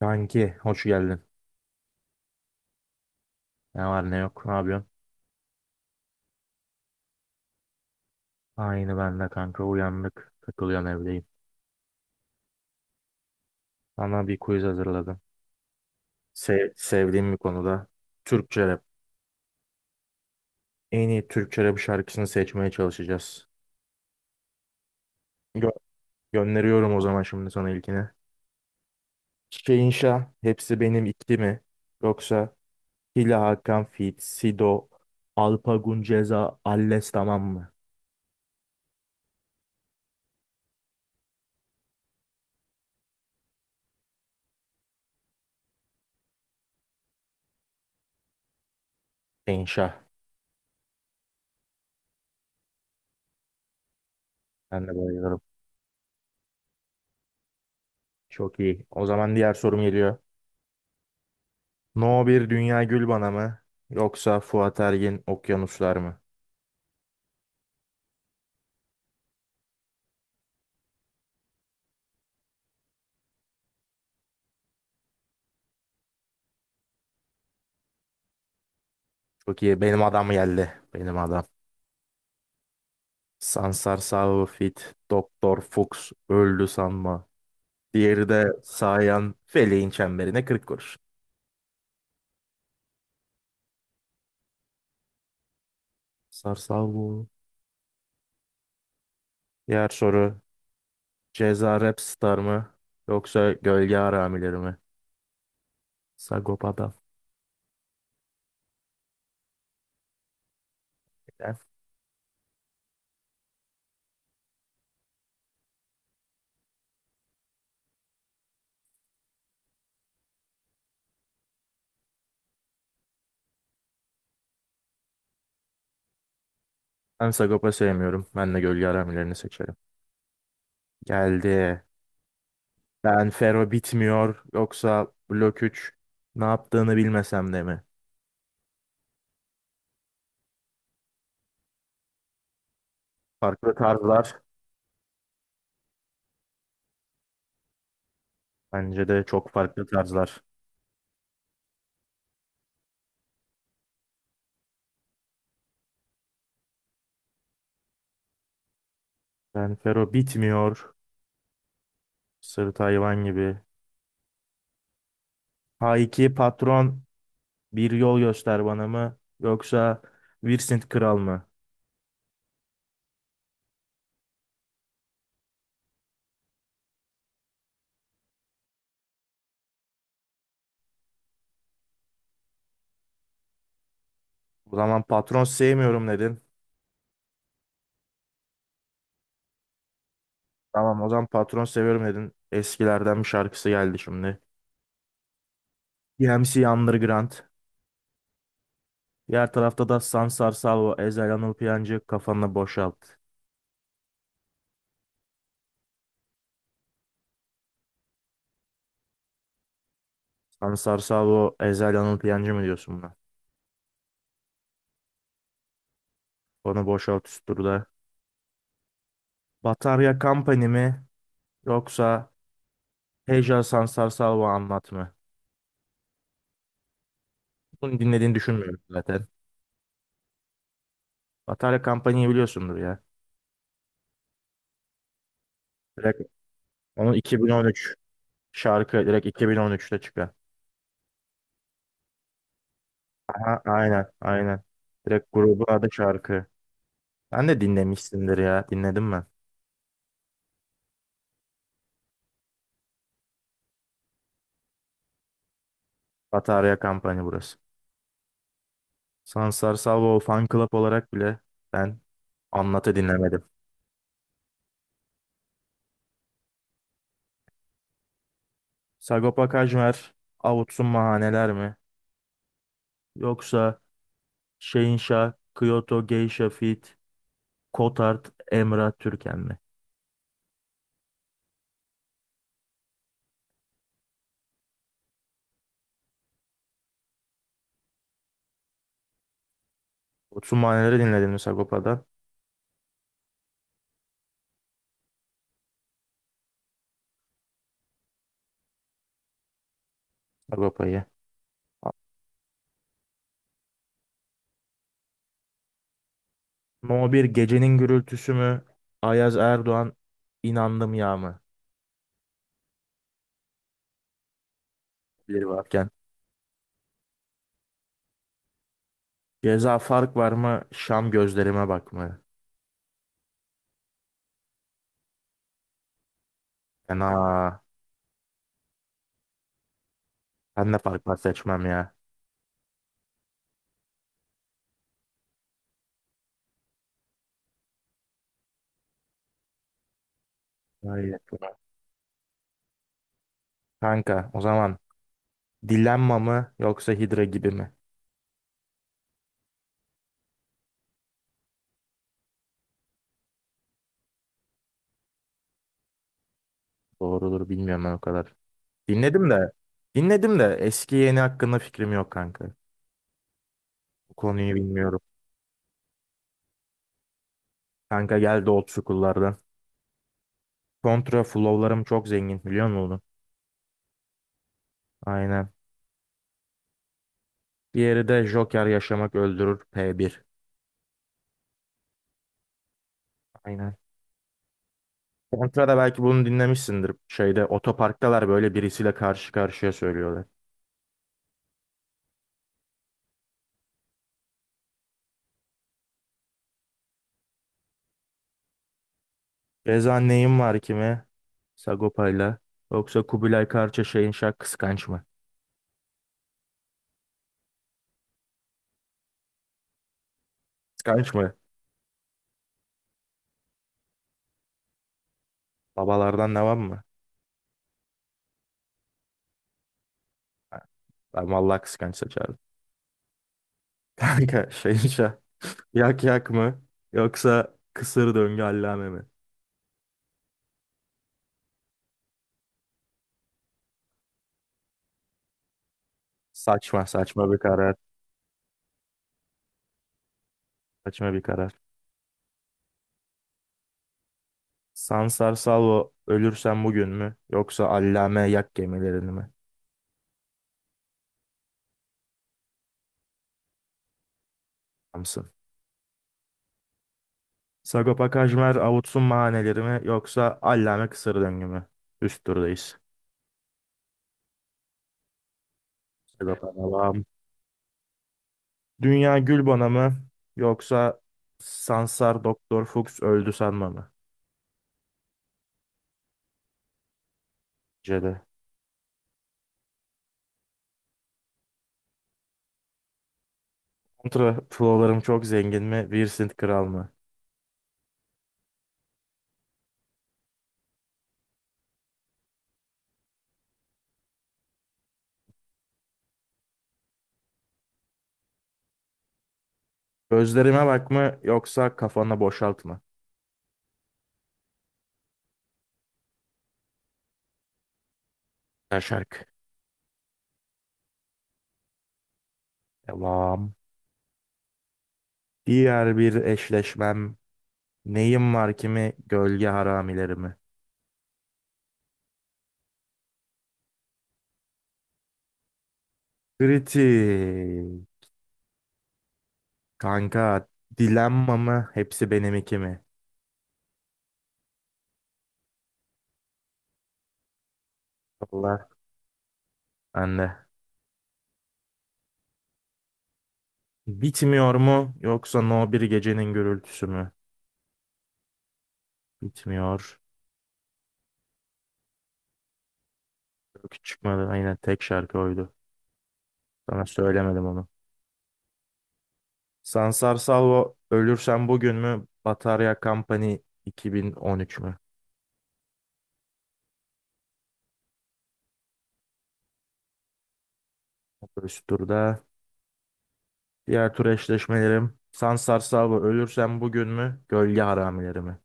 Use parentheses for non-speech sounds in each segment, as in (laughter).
Kanki hoş geldin. Ne var ne yok, ne yapıyorsun? Aynı, ben de kanka uyandık. Takılıyorum, evdeyim. Sana bir quiz hazırladım. Sevdiğim bir konuda. Türkçe rap. En iyi Türkçe rap şarkısını seçmeye çalışacağız. Gö- Gönderiyorum o zaman şimdi sana ilkini. Çiçeğin inşa Hepsi Benim ikili mi? Yoksa Hila Hakan Fit, Sido, Alpagun Ceza, Alles tamam mı? Çiçek İnşa. Ben de bayılırım. Çok iyi. O zaman diğer sorum geliyor. No bir Dünya Gülbana mı? Yoksa Fuat Ergin Okyanuslar mı? Çok iyi. Benim adam geldi. Benim adam. Sansar Sağ Fit. Doktor Fuchs. Öldü sanma. Diğeri de Sayan Feleğin çemberine 40 kuruş. Sansar Sağ. Diğer soru. Ceza Rap Star mı? Yoksa Gölge Haramileri mi? Sagopa'da. Ben Sagopa sevmiyorum. Ben de Gölge Haramilerini seçerim. Geldi. Ben Fero bitmiyor yoksa Blok 3 ne yaptığını bilmesem de mi? Farklı tarzlar. Bence de çok farklı tarzlar. Ben Fero bitmiyor. Sırt hayvan gibi. H2 patron bir yol göster bana mı? Yoksa Vincent kral mı? O zaman patron sevmiyorum dedin. Tamam, o zaman patron seviyorum dedin. Eskilerden bir şarkısı geldi şimdi. DMC Underground. Diğer tarafta da Sansar Salvo, Ezel Anıl Piyancı kafanı boşalt. Ansar Sabo, Ezel Anıl Piyancı mı diyorsun buna? Onu boşalt üst turda. Batarya Company mi yoksa Heja Sansar Salvo anlat mı? Bunu dinlediğini düşünmüyorum zaten. Batarya Company'yi biliyorsundur ya. Direkt onun 2013 şarkı, direkt 2013'te çıkan. Aha, aynen aynen. Direkt grubun adı şarkı. Ben de dinlemişsindir ya. Dinledim ben. Batarya Company burası. Sansar Salvo Fan Club olarak bile ben Anlat'ı dinlemedim. Sagopa Kajmer avutsun mahaneler mi? Yoksa Şehinşah, Kyoto, Geisha Fit, Kotart, Emrah Türken mi? Avutsun mahaneleri dinledin mi Sagopa'dan? Sagopa'yı. No bir Gecenin Gürültüsü mü? Ayaz Erdoğan inandım ya mı? Bir varken. Ceza fark var mı? Şam gözlerime bak mı? Fena. Ben de fark var seçmem ya. Vay yakına. Kanka o zaman Dilemma mı yoksa Hidra gibi mi? Doğrudur, bilmiyorum ben o kadar. Dinledim de dinledim de eski yeni hakkında fikrim yok kanka. Bu konuyu bilmiyorum. Kanka geldi old school'lardan. Contra flow'larım çok zengin, biliyor musun onu? Aynen. Diğeri de Joker Yaşamak Öldürür P1. Aynen. Contra'da belki bunu dinlemişsindir. Şeyde otoparktalar, böyle birisiyle karşı karşıya söylüyorlar. Reza neyim var kime? Sagopa'yla. Yoksa Kubilay Karça Şahin Şah kıskanç mı? Kıskanç mı? Babalardan devam mı? Ha, ben vallahi kıskanç seçerdim. (laughs) Kanka Şahin Şah Yak yak mı? Yoksa kısır döngü allame mi? Saçma bir karar. Saçma bir karar. Sansar Salvo ölürsen bugün mü? Yoksa allame yak gemilerini mi? Samsın. Sagopa Kajmer avutsun mahaneleri mi? Yoksa allame kısır döngü mü? Üst turdayız. Sagopa devam. Dünya Gülbana mı? Yoksa Sansar Doktor Fuchs öldü sanma mı? Cede. Kontra flowlarım çok zengin mi? Vincent Kral mı? Gözlerime bakma yoksa kafanı boşaltma. Şarkı. Devam. Diğer bir eşleşmem. Neyim var kimi gölge haramilerimi. Kritik. Kanka dilenma mı hepsi benim iki mi? Allah. Anne. Bitmiyor mu yoksa No bir gecenin gürültüsü mü? Bitmiyor. Yok, hiç çıkmadı. Aynen tek şarkı oydu. Sana söylemedim onu. Sansar Salvo Ölürsem Bugün mü? Batarya Company 2013 mü? Üst turda. Diğer tur eşleşmelerim. Sansar Sabo ölürsem bugün mü? Gölge haramileri mi?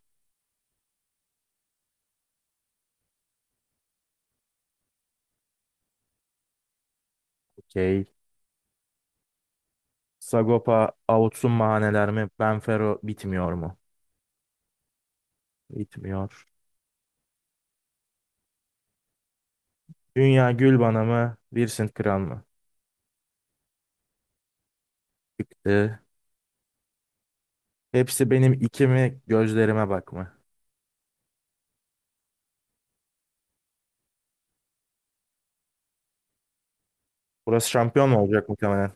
Okey. Sagopa avutsun mahaneler mi? Benfero bitmiyor mu? Bitmiyor. Dünya gül bana mı? Vincent Kral mı? Çıktı. Hepsi benim iki mi? Gözlerime bak mı? Burası şampiyon mu olacak muhtemelen?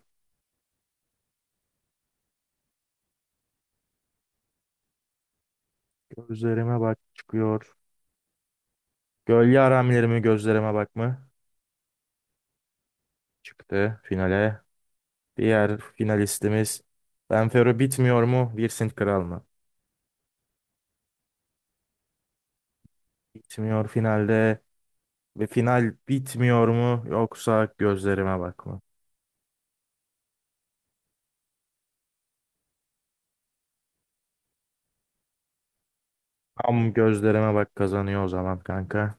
Gözlerime bak çıkıyor. Gölge haramileri mi? Gözlerime bak mı? Çıktı finale. Diğer finalistimiz Benfero bitmiyor mu? Vincent Kral mı? Bitmiyor finalde ve final bitmiyor mu yoksa gözlerime bak mı? Tam gözlerime bak kazanıyor o zaman kanka.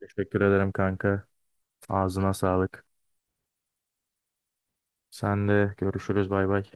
Teşekkür ederim kanka. Ağzına sağlık. Sen de görüşürüz, bay bay.